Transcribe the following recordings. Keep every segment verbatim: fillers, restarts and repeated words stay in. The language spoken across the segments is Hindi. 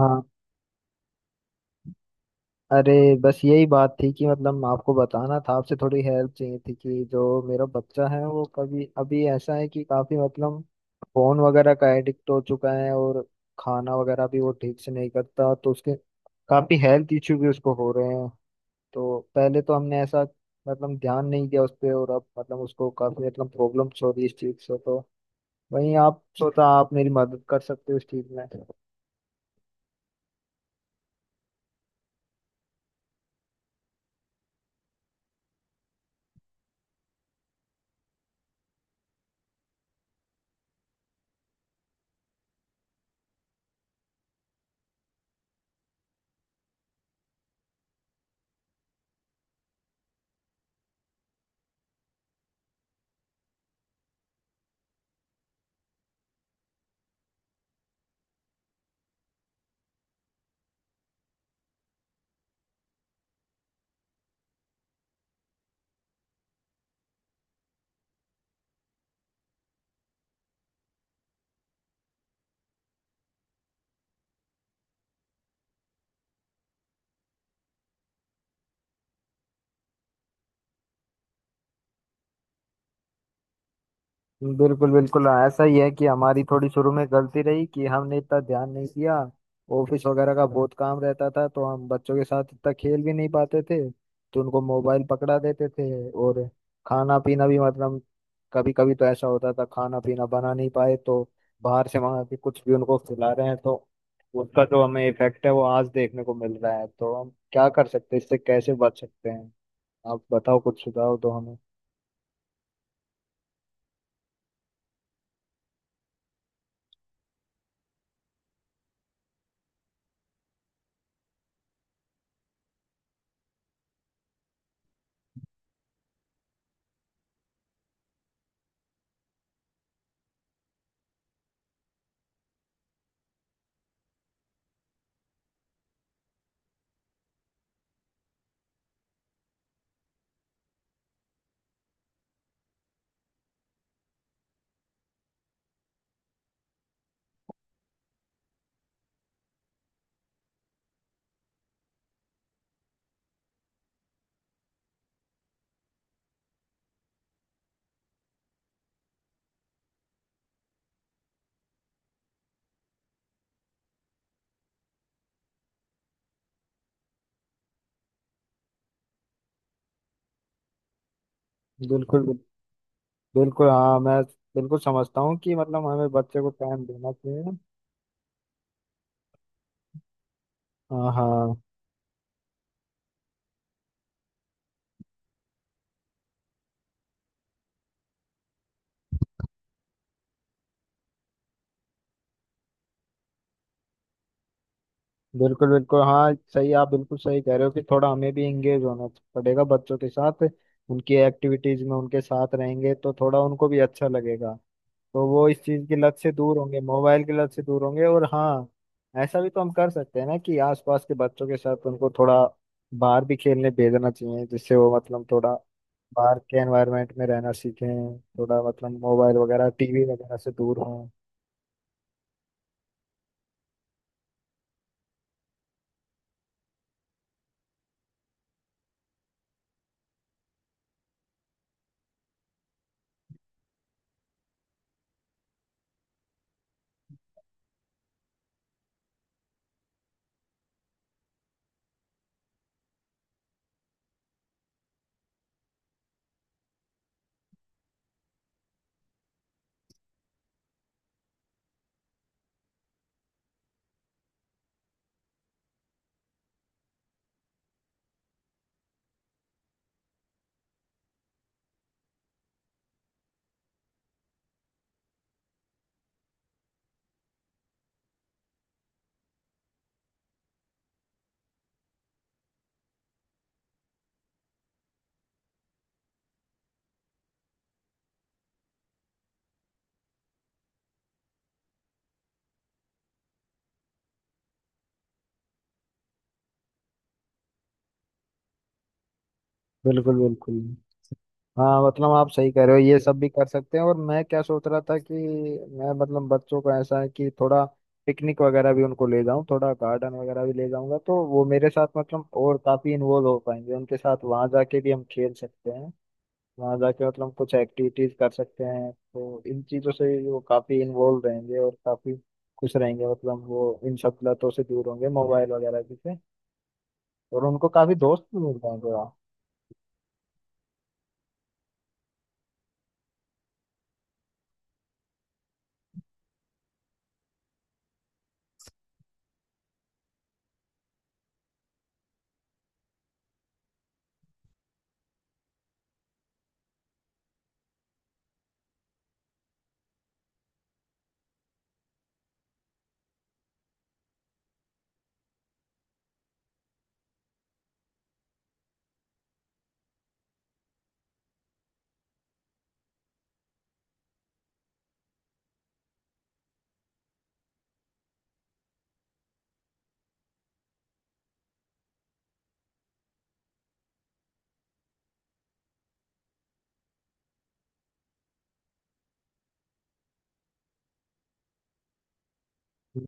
हाँ। अरे बस यही बात थी कि मतलब आपको बताना था, आपसे थोड़ी हेल्प चाहिए थी कि जो मेरा बच्चा है वो कभी अभी ऐसा है कि काफी मतलब फोन वगैरह का एडिक्ट हो चुका है, और खाना वगैरह भी वो ठीक से नहीं करता, तो उसके काफी हेल्थ इश्यू भी उसको हो रहे हैं। तो पहले तो हमने ऐसा मतलब ध्यान नहीं दिया उस पर, और अब मतलब उसको काफी मतलब प्रॉब्लम्स हो रही है इस चीज से। तो वहीं आप सोचा आप मेरी मदद कर सकते हो इस चीज में। बिल्कुल बिल्कुल हाँ, ऐसा ही है कि हमारी थोड़ी शुरू में गलती रही कि हमने इतना ध्यान नहीं दिया। ऑफिस वगैरह का बहुत काम रहता था, तो हम बच्चों के साथ इतना खेल भी नहीं पाते थे तो उनको मोबाइल पकड़ा देते थे। और खाना पीना भी मतलब कभी कभी तो ऐसा होता था खाना पीना बना नहीं पाए तो बाहर से मंगा के कुछ भी उनको खिला रहे हैं। तो उसका जो हमें इफेक्ट है वो आज देखने को मिल रहा है। तो हम क्या कर सकते हैं, इससे कैसे बच सकते हैं? आप बताओ, कुछ सुझाव दो हमें। बिल्कुल बिल्कुल हाँ, मैं बिल्कुल समझता हूँ कि मतलब हमें बच्चे को टाइम देना चाहिए। हाँ हाँ। बिल्कुल बिल्कुल हाँ, सही, आप बिल्कुल सही कह रहे हो कि थोड़ा हमें भी इंगेज होना पड़ेगा बच्चों के साथ। उनकी एक्टिविटीज में उनके साथ रहेंगे तो थोड़ा उनको भी अच्छा लगेगा, तो वो इस चीज की लत से दूर होंगे, मोबाइल की लत से दूर होंगे। और हाँ, ऐसा भी तो हम कर सकते हैं ना कि आसपास के बच्चों के साथ उनको थोड़ा बाहर भी खेलने भेजना चाहिए, जिससे वो मतलब थोड़ा बाहर के एनवायरनमेंट में रहना सीखें, थोड़ा मतलब मोबाइल वगैरह टीवी वगैरह से दूर हों। बिल्कुल बिल्कुल हाँ, मतलब आप सही कह रहे हो, ये सब भी कर सकते हैं। और मैं क्या सोच रहा था कि मैं मतलब बच्चों को ऐसा है कि थोड़ा पिकनिक वगैरह भी उनको ले जाऊं, थोड़ा गार्डन वगैरह भी ले जाऊंगा, तो वो मेरे साथ मतलब और काफी इन्वॉल्व हो पाएंगे। उनके साथ वहां जाके भी हम खेल सकते हैं, वहाँ जाके मतलब कुछ एक्टिविटीज कर सकते हैं, तो इन चीजों से वो काफी इन्वॉल्व रहेंगे और काफी खुश रहेंगे। मतलब वो इन सब लतों से दूर होंगे, मोबाइल वगैरह की से। और उनको काफी दोस्त भी मिल जाएंगे वहाँ।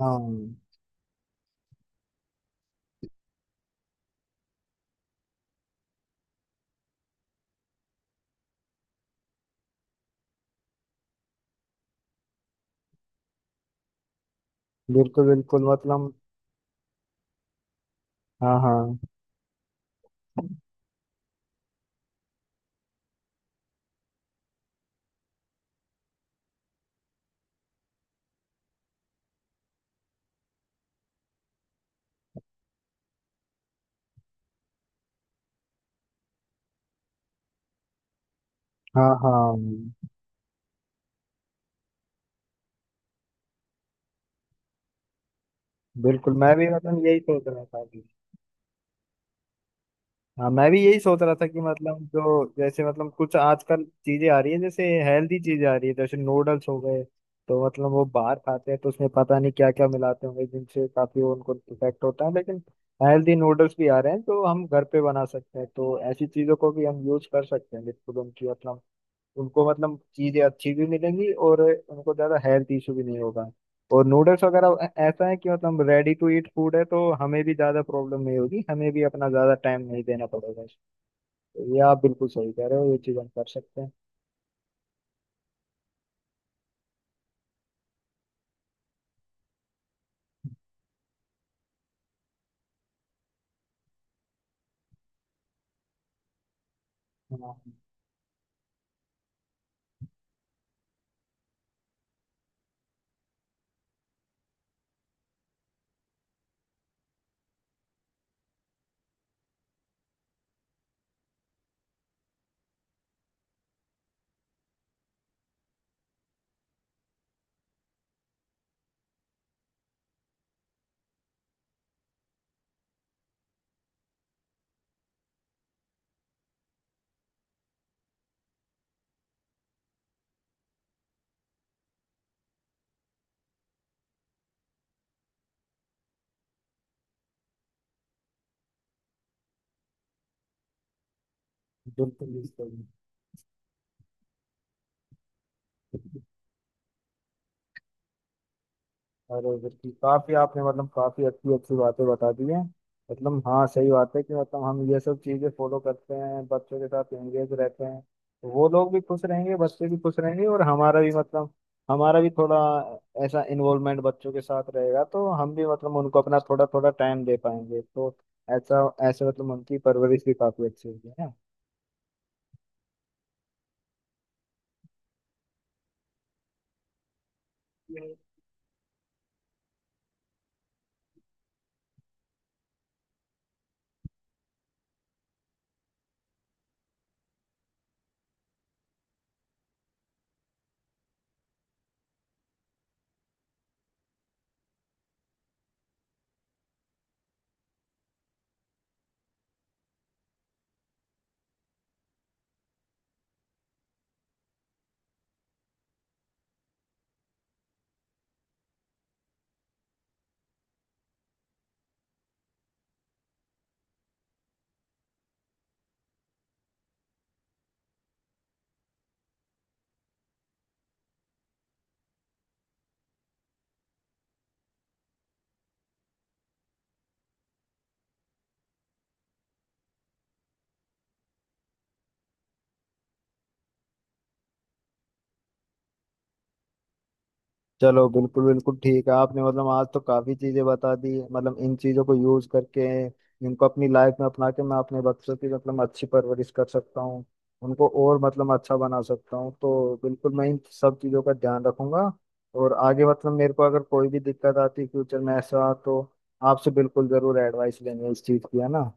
हाँ बिल्कुल बिल्कुल मतलब हाँ हाँ हाँ। हाँ बिल्कुल, मैं भी मतलब यही सोच रहा था। हाँ, मैं भी यही सोच रहा था कि मतलब जो जैसे मतलब कुछ आजकल चीजें आ रही है, जैसे हेल्दी चीजें आ रही है, जैसे नूडल्स हो गए। तो मतलब वो बाहर खाते हैं तो उसमें पता नहीं क्या क्या मिलाते होंगे जिनसे काफी वो उनको इफेक्ट होता है। लेकिन हेल्दी नूडल्स भी आ रहे हैं, तो हम घर पे बना सकते हैं, तो ऐसी चीजों को भी हम यूज कर सकते हैं। बिल्कुल उनकी मतलब उनको मतलब चीजें अच्छी भी मिलेंगी और उनको ज्यादा हेल्थ इशू भी नहीं होगा। और नूडल्स वगैरह ऐ- ऐसा है कि मतलब रेडी टू ईट फूड है, तो हमें भी ज्यादा प्रॉब्लम नहीं होगी, हमें भी अपना ज्यादा टाइम नहीं देना पड़ेगा। तो ये आप बिल्कुल सही कह रहे हो, ये चीज हम कर सकते हैं। हाँ बिल्कुल बिल्कुल। अरे बिल्कुल, काफी आपने मतलब काफी अच्छी अच्छी बातें बता दी हैं। मतलब हाँ सही बात है कि मतलब हम ये सब चीजें फॉलो करते हैं, बच्चों के साथ एंगेज रहते हैं, तो वो लोग भी खुश रहेंगे, बच्चे भी खुश रहेंगे, और हमारा भी मतलब हमारा भी थोड़ा ऐसा इन्वॉल्वमेंट बच्चों के साथ रहेगा, तो हम भी मतलब उनको अपना थोड़ा थोड़ा टाइम दे पाएंगे, तो ऐसा ऐसे मतलब उनकी परवरिश भी काफी अच्छी होगी, है ना। चलो बिल्कुल बिल्कुल ठीक है, आपने मतलब आज तो काफी चीजें बता दी। मतलब इन चीजों को यूज करके, इनको अपनी लाइफ में अपना के, मैं अपने बच्चों की मतलब अच्छी परवरिश कर सकता हूँ, उनको और मतलब अच्छा बना सकता हूँ। तो बिल्कुल मैं इन सब चीजों का ध्यान रखूंगा। और आगे मतलब मेरे को अगर कोई भी दिक्कत आती फ्यूचर में ऐसा, तो आपसे बिल्कुल जरूर एडवाइस लेंगे इस चीज की, है ना।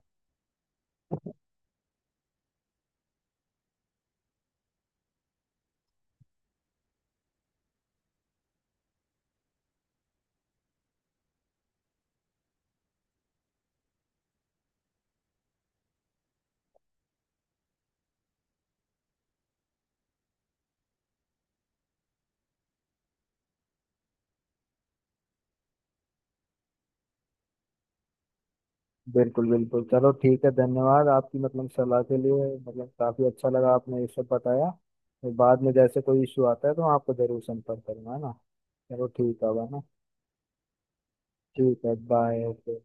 बिल्कुल बिल्कुल, चलो ठीक है। धन्यवाद आपकी मतलब सलाह के लिए, मतलब काफी अच्छा लगा आपने ये सब बताया। और बाद में जैसे कोई इशू आता है तो मैं आपको जरूर संपर्क करूंगा, है ना। चलो ठीक है अब, है ना। ठीक है, बाय, ओके।